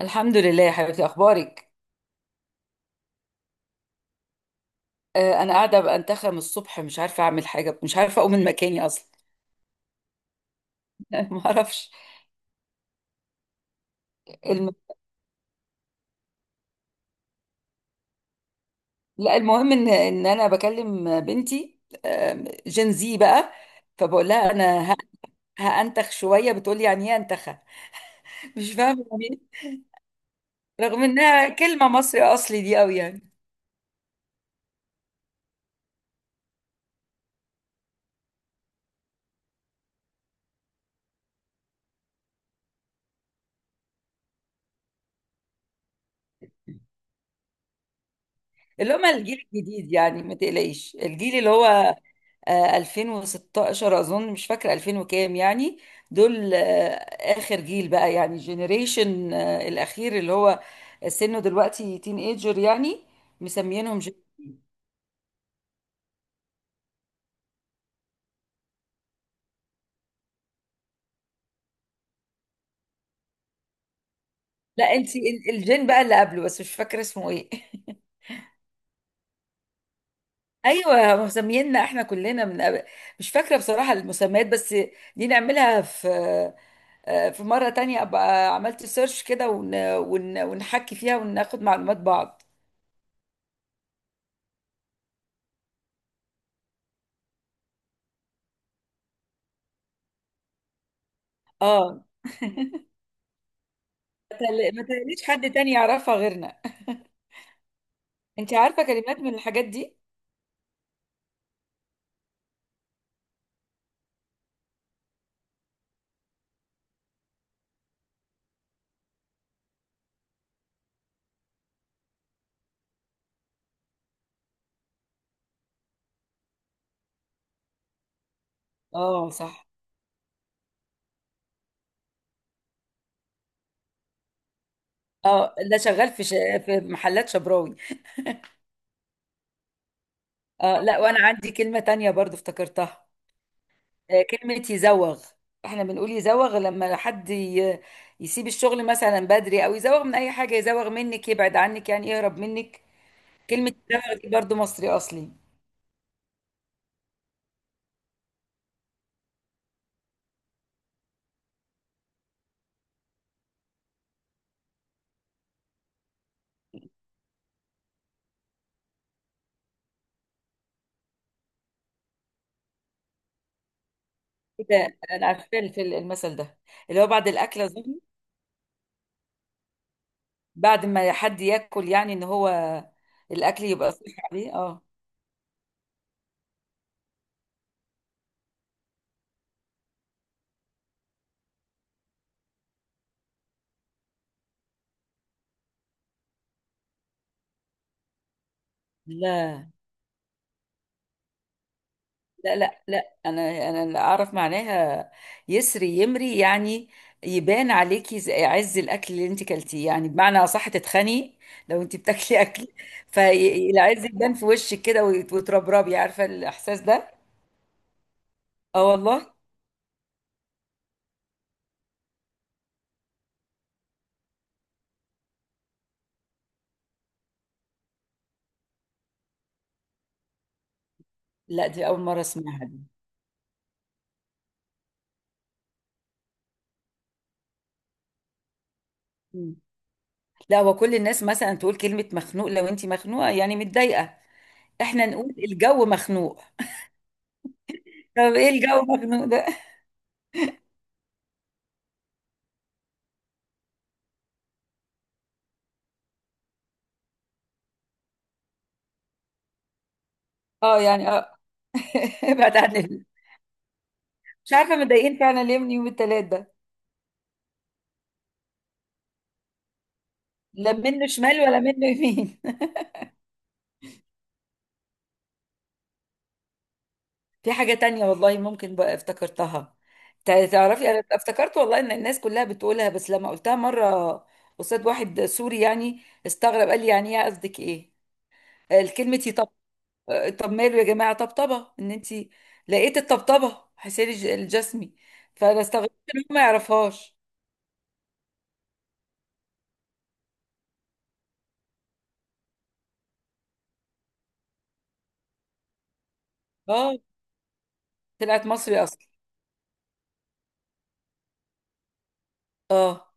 الحمد لله يا حبيبتي اخبارك. انا قاعده بنتخم الصبح، مش عارفه اعمل حاجه، مش عارفه اقوم من مكاني اصلا. ما اعرفش. الم... لا، المهم ان انا بكلم بنتي جين زي بقى، فبقول لها انا هانتخ شويه، بتقول لي يعني ايه انتخه؟ مش فاهمه يعني إيه. رغم انها كلمه مصري اصلي دي قوي يعني. اللي هم الجيل الجديد يعني، ما تقلقيش، الجيل اللي هو 2016 اظن، مش فاكره 2000 وكام يعني. دول اخر جيل بقى، يعني الجينيريشن الاخير، اللي هو سنه دلوقتي تين ايجر يعني، مسميينهم جن... لا انت الجين بقى اللي قبله، بس مش فاكره اسمه ايه. ايوه، هم مسمييننا احنا كلنا من قبل، مش فاكره بصراحه المسميات، بس دي نعملها في في مرة تانية أبقى عملت سيرش كده، ونحكي فيها وناخد معلومات بعض. اه، ما تقليش حد تاني يعرفها غيرنا. انت عارفة كلمات من الحاجات دي؟ اه صح، اه، ده شغال في في محلات شبراوي. اه، لا وانا عندي كلمة تانية برضو افتكرتها، كلمة يزوغ. احنا بنقول يزوغ لما حد يسيب الشغل مثلا بدري، او يزوغ من اي حاجة، يزوغ منك يبعد عنك، يعني يهرب منك. كلمة يزوغ دي برضو مصري اصلي. كده انا عارفه المثل ده، اللي هو بعد الاكل اظن. بعد ما حد ياكل يعني ان هو الاكل يبقى صحي عليه. اه، لا لا لا، انا اللي اعرف معناها، يسري يمري يعني يبان عليكي عز الاكل اللي انت كلتيه، يعني بمعنى اصح تتخني لو انت بتاكلي اكل. فالعز يبان في وشك كده وتربربي، عارفه الاحساس ده. اه والله، لا دي اول مره اسمعها. دي لا، هو كل الناس مثلا تقول كلمة مخنوق، لو انت مخنوقة يعني متضايقة، احنا نقول الجو مخنوق. طب ايه الجو مخنوق ده؟ اه يعني اه. ابعد عن مش عارفة متضايقين فعلا ليه من يوم التلات ده، لا منه شمال ولا منه يمين. في حاجة تانية والله ممكن بقى افتكرتها. تعرفي انا افتكرت والله ان الناس كلها بتقولها، بس لما قلتها مرة قصاد واحد سوري، يعني استغرب، قال لي يعني ايه، قصدك ايه؟ الكلمة يطبطب. طب ماله يا جماعه طبطبه، ان انت لقيت الطبطبه حسين الجسمي. فانا استغربت ان هو ما يعرفهاش. اه، طلعت مصري اصلا. اه،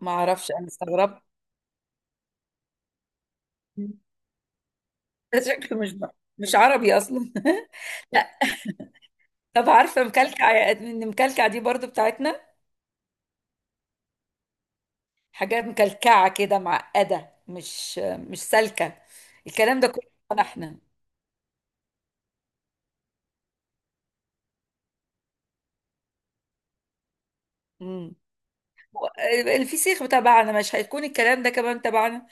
ما اعرفش انا استغربت. مم. ده شكله مش، مش عربي اصلا. لا. طب عارفه مكلكع؟ ان مكلكع دي برضو بتاعتنا، حاجات مكلكعه كده، معقده، مش سالكه. الكلام ده كله بتاعنا احنا. امم، الفسيخ تبعنا مش هيكون الكلام ده كمان تبعنا؟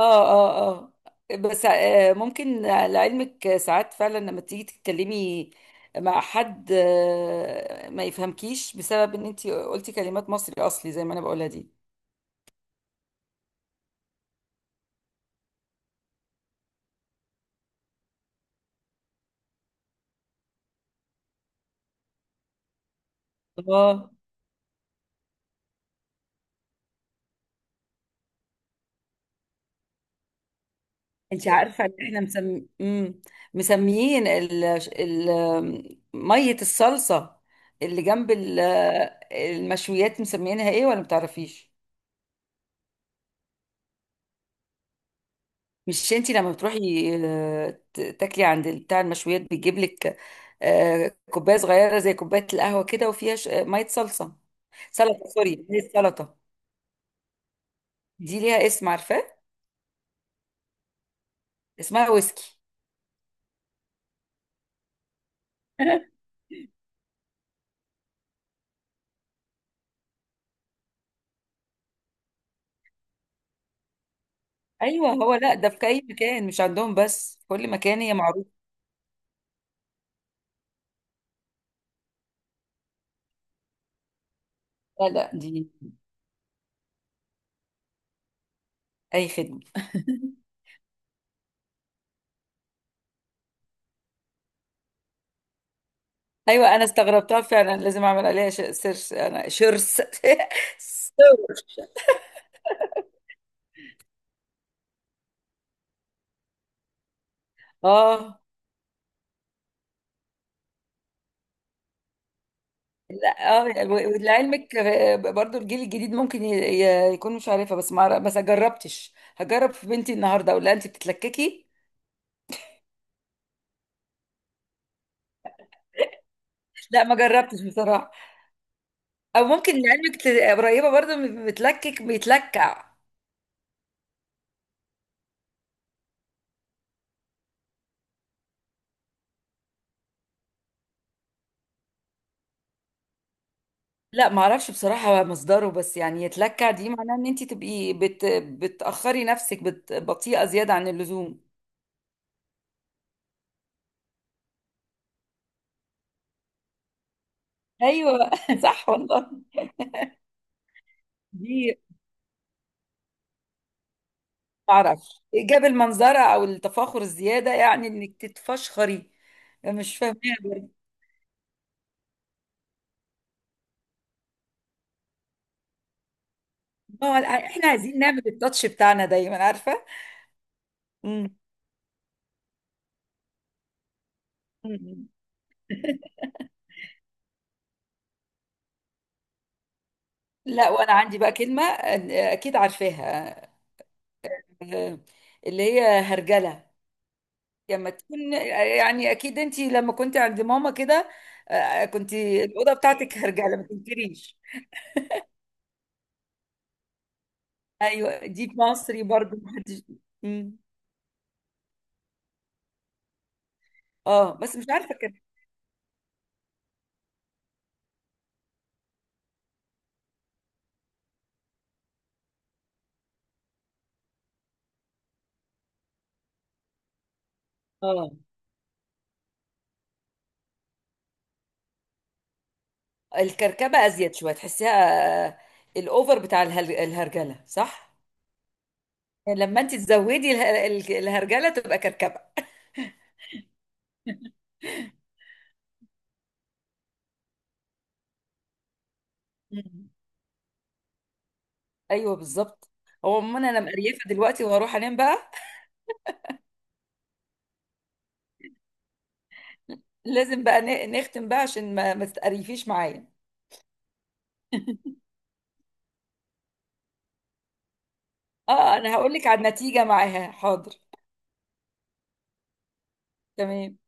اه اه، اه بس ممكن لعلمك ساعات فعلا لما تيجي تتكلمي مع حد، ما يفهمكيش بسبب ان انت قلتي كلمات مصري اصلي زي ما انا بقولها دي. اه، انت عارفه ان احنا مسم... مم. مسميين ميه الصلصه اللي جنب المشويات، مسميينها ايه ولا متعرفيش؟ مش انتي لما بتروحي تاكلي عند بتاع المشويات، بيجيب لك كوبايه صغيره زي كوبايه القهوه كده، وفيها ميه صلصه، سلطه سوري، هي السلطه. دي ليها اسم عارفاه؟ اسمها ويسكي. ايوه هو، لا ده في اي مكان، مش عندهم بس، في كل مكان هي معروفه. لا لا، دي اي خدمه. ايوه انا استغربتها فعلا، لازم اعمل عليها سيرش، انا شرس سيرش. اه اه، ولعلمك برضو الجيل الجديد ممكن يكون مش عارفه، بس ما جربتش، هجرب في بنتي النهارده اقول لها انت بتتلككي. لا ما جربتش بصراحه. او ممكن لعلمك قريبه برضو من بتلكك، بيتلكع. لا ما اعرفش بصراحه مصدره، بس يعني يتلكع دي معناها ان انت تبقي بتاخري نفسك، بطيئه زياده عن اللزوم. ايوه صح والله. دي ما اعرفش جاب المنظره او التفاخر الزياده، يعني انك تتفشخري. مش فاهمه. اه لا، احنا عايزين نعمل التاتش بتاعنا دايما، عارفه. مم. مم. لا وانا عندي بقى كلمه اكيد عارفاها، آه، اللي هي هرجله. لما تكون يعني اكيد انت لما كنت عند ماما كده، كنت الاوضه بتاعتك هرجله، ما تنكريش. ايوه دي في مصري برضو محدش. مم. اه بس مش عارفه كده. اه، الكركبه ازيد شويه تحسيها، آه، الاوفر بتاع الهرجله صح. لما انت تزودي الهرجله تبقى كركبه. مم. ايوه بالظبط. هو عموما انا مقريفه دلوقتي، وهروح انام بقى. لازم بقى نختم بقى عشان ما تتقريفيش معايا. اه انا هقول لك على النتيجه معاها، حاضر. تمام.